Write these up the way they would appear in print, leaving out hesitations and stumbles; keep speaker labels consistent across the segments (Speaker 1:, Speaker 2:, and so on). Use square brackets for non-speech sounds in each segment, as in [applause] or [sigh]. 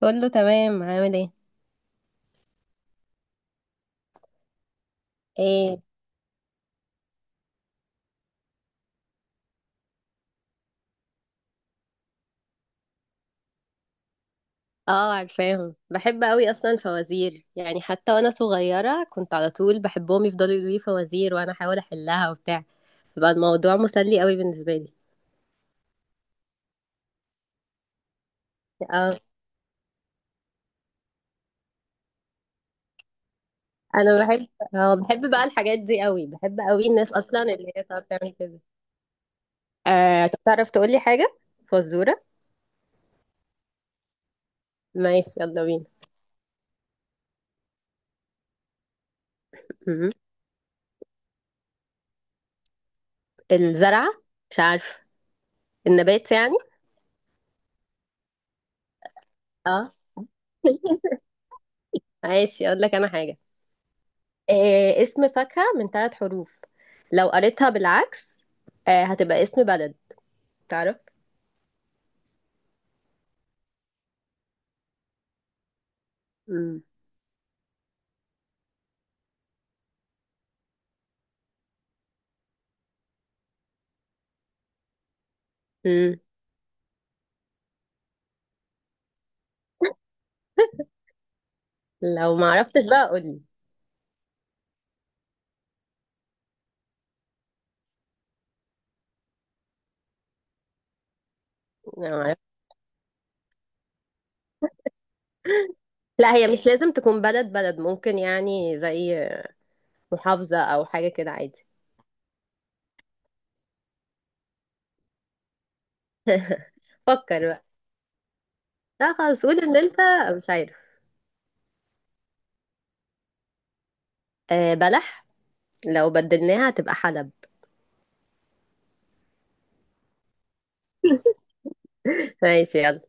Speaker 1: بقول له تمام، عامل ايه؟ ايه؟ اه، عارفاهم، بحب قوي اصلا فوازير، يعني حتى وانا صغيره كنت على طول بحبهم يفضلوا يقولوا لي فوازير وانا احاول احلها وبتاع. بقى الموضوع مسلي قوي بالنسبه لي. اه انا بحب. اه بحب بقى الحاجات دي قوي، بحب قوي الناس اصلا اللي هي بتعرف تعمل كده. آه طب تعرف تقول لي حاجه، فزوره. ماشي يلا بينا. م- م. الزرعه. مش عارف. النبات يعني. اه. [laughs] ماشي اقول لك انا حاجه. آه، اسم فاكهة من ثلاث حروف لو قريتها بالعكس، آه، هتبقى اسم بلد. تعرف؟ مم. مم. لو ما عرفتش بقى قولي. لو ما عرفت- لا، هي مش لازم تكون بلد بلد، ممكن يعني زي محافظة أو حاجة كده عادي. فكر بقى. لا خلاص، قول إن أنت مش عارف. آه، بلح، لو بدلناها هتبقى حلب. ماشي يلا.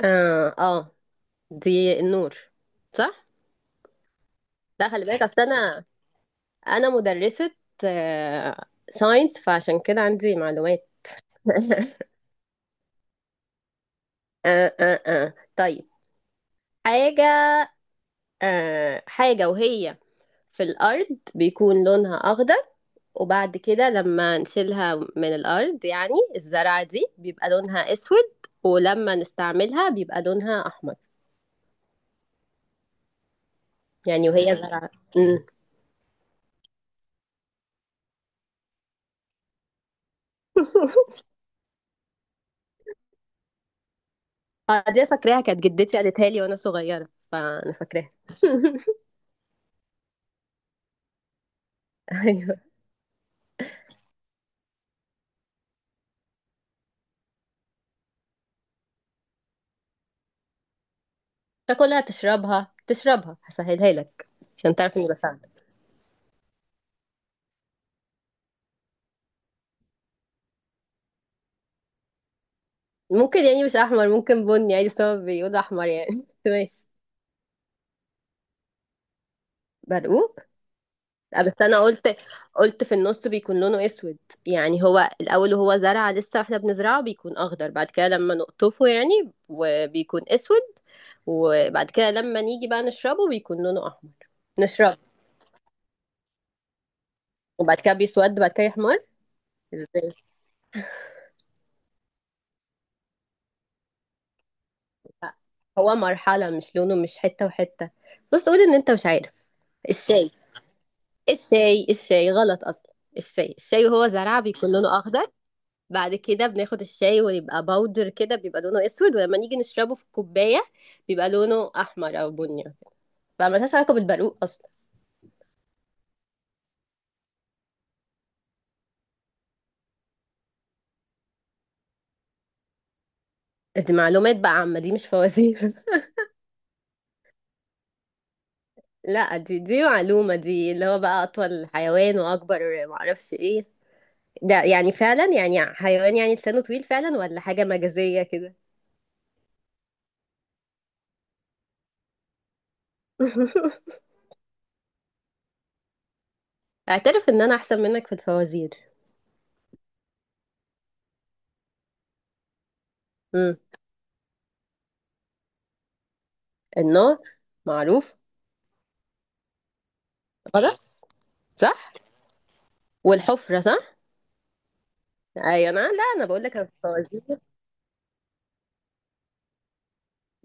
Speaker 1: اه اه، دي النور، صح؟ لا خلي بالك، أصل أنا، أنا مدرسة آه ساينس، فعشان كده عندي معلومات. [laughs] طيب، حاجة. آه، حاجة وهي في الأرض بيكون لونها أخضر، وبعد كده لما نشيلها من الأرض يعني الزرعة دي بيبقى لونها أسود، ولما نستعملها بيبقى لونها أحمر. يعني وهي زرعة. أمم. [laughs] آه، دي أنا فاكراها كانت جدتي قالتها لي وأنا صغيرة، فأنا فاكراها. [laughs] أيوه. تاكلها تشربها، تشربها هسهلها لك، عشان تعرف إني بساعدك. ممكن يعني مش احمر، ممكن بني عادي، بس هو بيقول احمر يعني. [laughs] بس ماشي. برقوق. آه، بس انا قلت، قلت في النص بيكون لونه اسود، يعني هو الاول وهو زرعه لسه واحنا بنزرعه بيكون اخضر، بعد كده لما نقطفه يعني وبيكون اسود، وبعد كده لما نيجي بقى نشربه بيكون لونه احمر. نشربه وبعد كده بيسود بعد كده يحمر. ازاي؟ لا، هو مرحله، مش لونه، مش حته وحته. بص قول ان انت مش عارف. الشاي، الشاي. الشاي غلط اصلا. الشاي الشاي وهو زرع بيكون لونه اخضر، بعد كده بناخد الشاي ويبقى باودر كده بيبقى لونه اسود، ولما نيجي نشربه في الكوبايه بيبقى لونه احمر او بني. فملهاش علاقه بالبرقوق اصلا. دي معلومات بقى عامه، دي مش فوازير. [laughs] لا، دي معلومه، دي اللي هو بقى اطول حيوان واكبر معرفش ايه، ده يعني فعلا يعني حيوان يعني لسانه طويل فعلا، ولا حاجه مجازيه كده. [laughs] اعترف ان انا احسن منك في الفوازير. امم، النار، معروف. غلط. صح، والحفرة صح. ايوه انا، لا، انا بقول لك انا في الفوازير.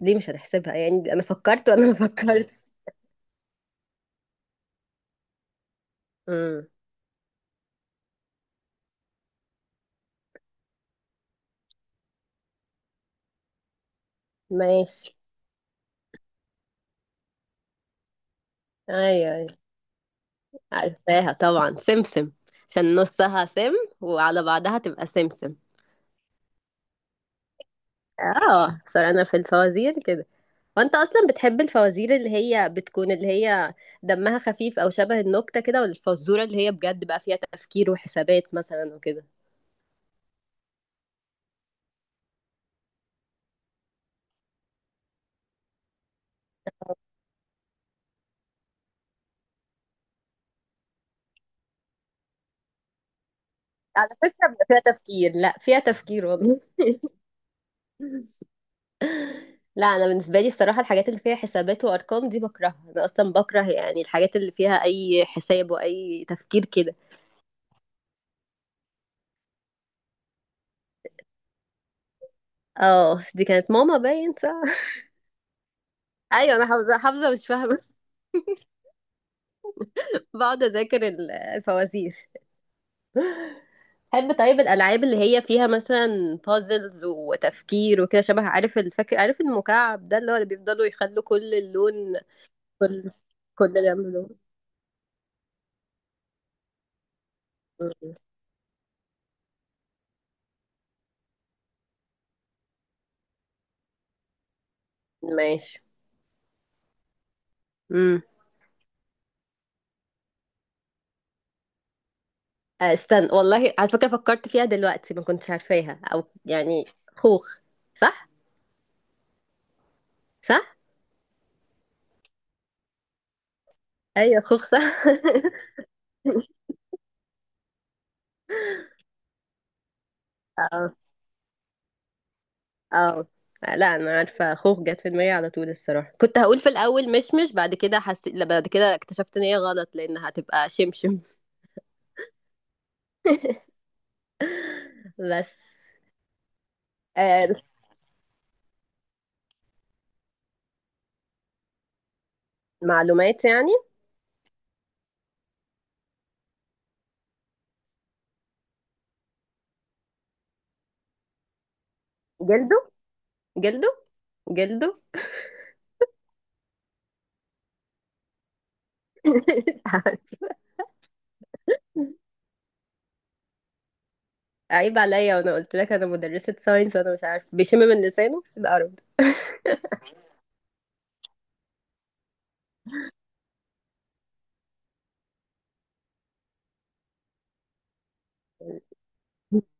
Speaker 1: دي مش هنحسبها، يعني دي انا فكرت وانا [laughs] ما فكرتش. امم. ماشي. ايوه ايوه. عارفاها طبعا، سمسم، عشان نصها سم وعلى بعضها تبقى سمسم. اه صار انا في الفوازير كده. وانت اصلا بتحب الفوازير اللي هي بتكون اللي هي دمها خفيف او شبه النكتة كده، ولا الفزورة اللي هي بجد بقى فيها تفكير وحسابات مثلا وكده. على فكرة بيبقى فيها تفكير، لا فيها تفكير والله. [laughs] لا، انا بالنسبه لي الصراحه الحاجات اللي فيها حسابات وارقام دي بكرهها، انا اصلا بكره يعني الحاجات اللي فيها اي حساب واي تفكير كده. اه دي كانت ماما، باين صح. [laughs] ايوه انا حافظه، حافظه مش فاهمه. [laughs] بقعد اذاكر الفوازير. بحب طيب الالعاب اللي هي فيها مثلا بازلز وتفكير وكده، شبه عارف، الفاكر، عارف المكعب ده اللي هو اللي بيفضلوا يخلوا كل اللون، كل كل جنب لون. مم. ماشي. آه، استنى، والله على فكرة فكرت فيها دلوقتي، ما كنتش عارفاها او يعني. خوخ. صح؟ صح. ايوه خوخ صح. [laughs] اه اه. لا، انا عارفة خوخ جت في دماغي على طول الصراحة، كنت هقول في الاول مشمش بعد كده حسيت لا، بعد كده اكتشفت ان هي غلط لانها هتبقى شمشم. [laughs] بس. آه. معلومات يعني. جلده. جلده. جلده. [laughs] مش عارف. عيب عليا وانا قلت لك انا مدرسة ساينس، وانا مش عارفة بيشم من لسانه الارض.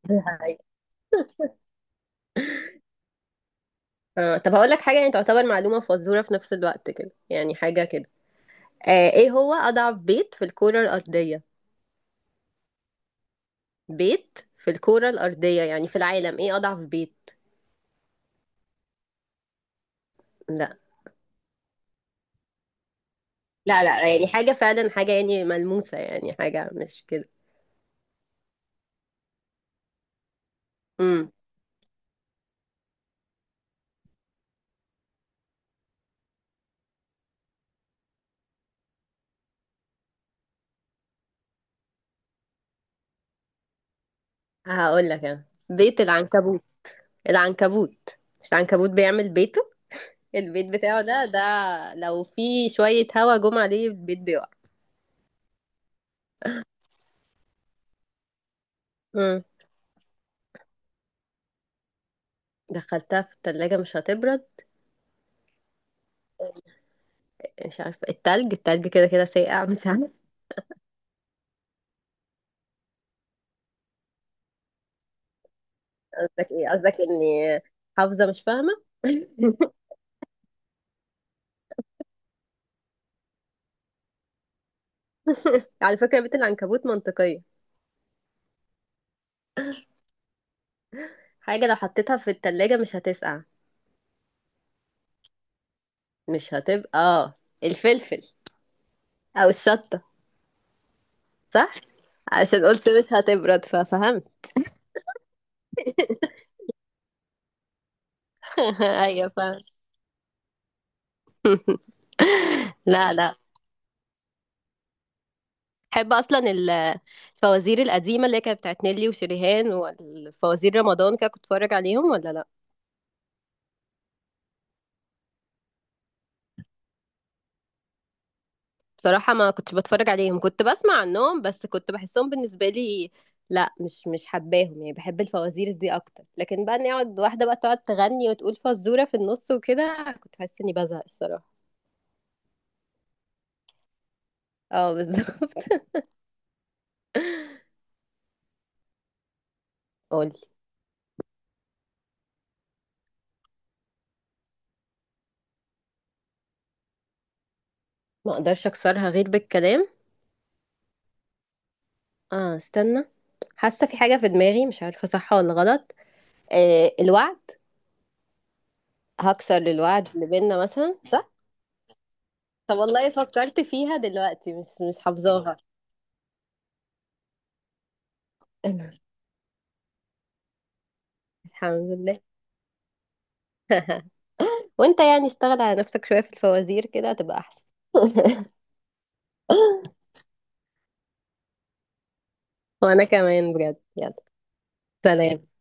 Speaker 1: [laughs] آه، طب هقول لك حاجة يعني تعتبر معلومة فزورة في نفس الوقت كده، يعني حاجة كده. آه، ايه هو أضعف بيت في الكرة الأرضية؟ بيت في الكرة الأرضية يعني في العالم، ايه أضعف بيت؟ لا لا، لا يعني حاجة فعلا، حاجة يعني ملموسة، يعني حاجة مش كده. امم. هقول لك انا، بيت العنكبوت. العنكبوت، مش العنكبوت بيعمل بيته، البيت بتاعه ده، ده لو في شوية هوا جم عليه البيت بيقع. امم. دخلتها في التلاجة مش هتبرد. مش عارفة، التلج، التلج كده كده ساقع، مش عارفة. قصدك ايه؟ قصدك اني حافظة مش فاهمة. [laughs] على فكرة بيت العنكبوت منطقية. حاجة لو حطيتها في التلاجة مش هتسقع، مش هتبقى، اه الفلفل او الشطة. صح. عشان قلت مش هتبرد ففهمت. [laughs] ايوه فاهم. [laughs] لا لا. بحب اصلا الفوازير القديمه اللي هي كانت بتاعت نيلي وشريهان والفوازير رمضان كده، كنت اتفرج عليهم ولا لا. بصراحة ما كنتش بتفرج عليهم، كنت بسمع عنهم بس، كنت بحسهم بالنسبة لي، لا مش حباهم، يعني بحب الفوازير دي اكتر، لكن بقى اني اقعد واحدة بقى تقعد تغني وتقول فزورة في النص وكده، كنت بحس اني بزهق الصراحة. اه بالظبط. [laughs] قولي. ما اقدرش اكسرها غير بالكلام. اه استنى، حاسة في حاجة في دماغي مش عارفة صح ولا غلط. آه، الوعد. هكسر الوعد اللي بينا مثلا، صح؟ طب والله فكرت فيها دلوقتي، مش حافظاها. [laughs] الحمد لله. [laughs] وانت يعني اشتغل على نفسك شوية في الفوازير كده هتبقى احسن. [laughs] وانا كمان بجد، يلا سلام.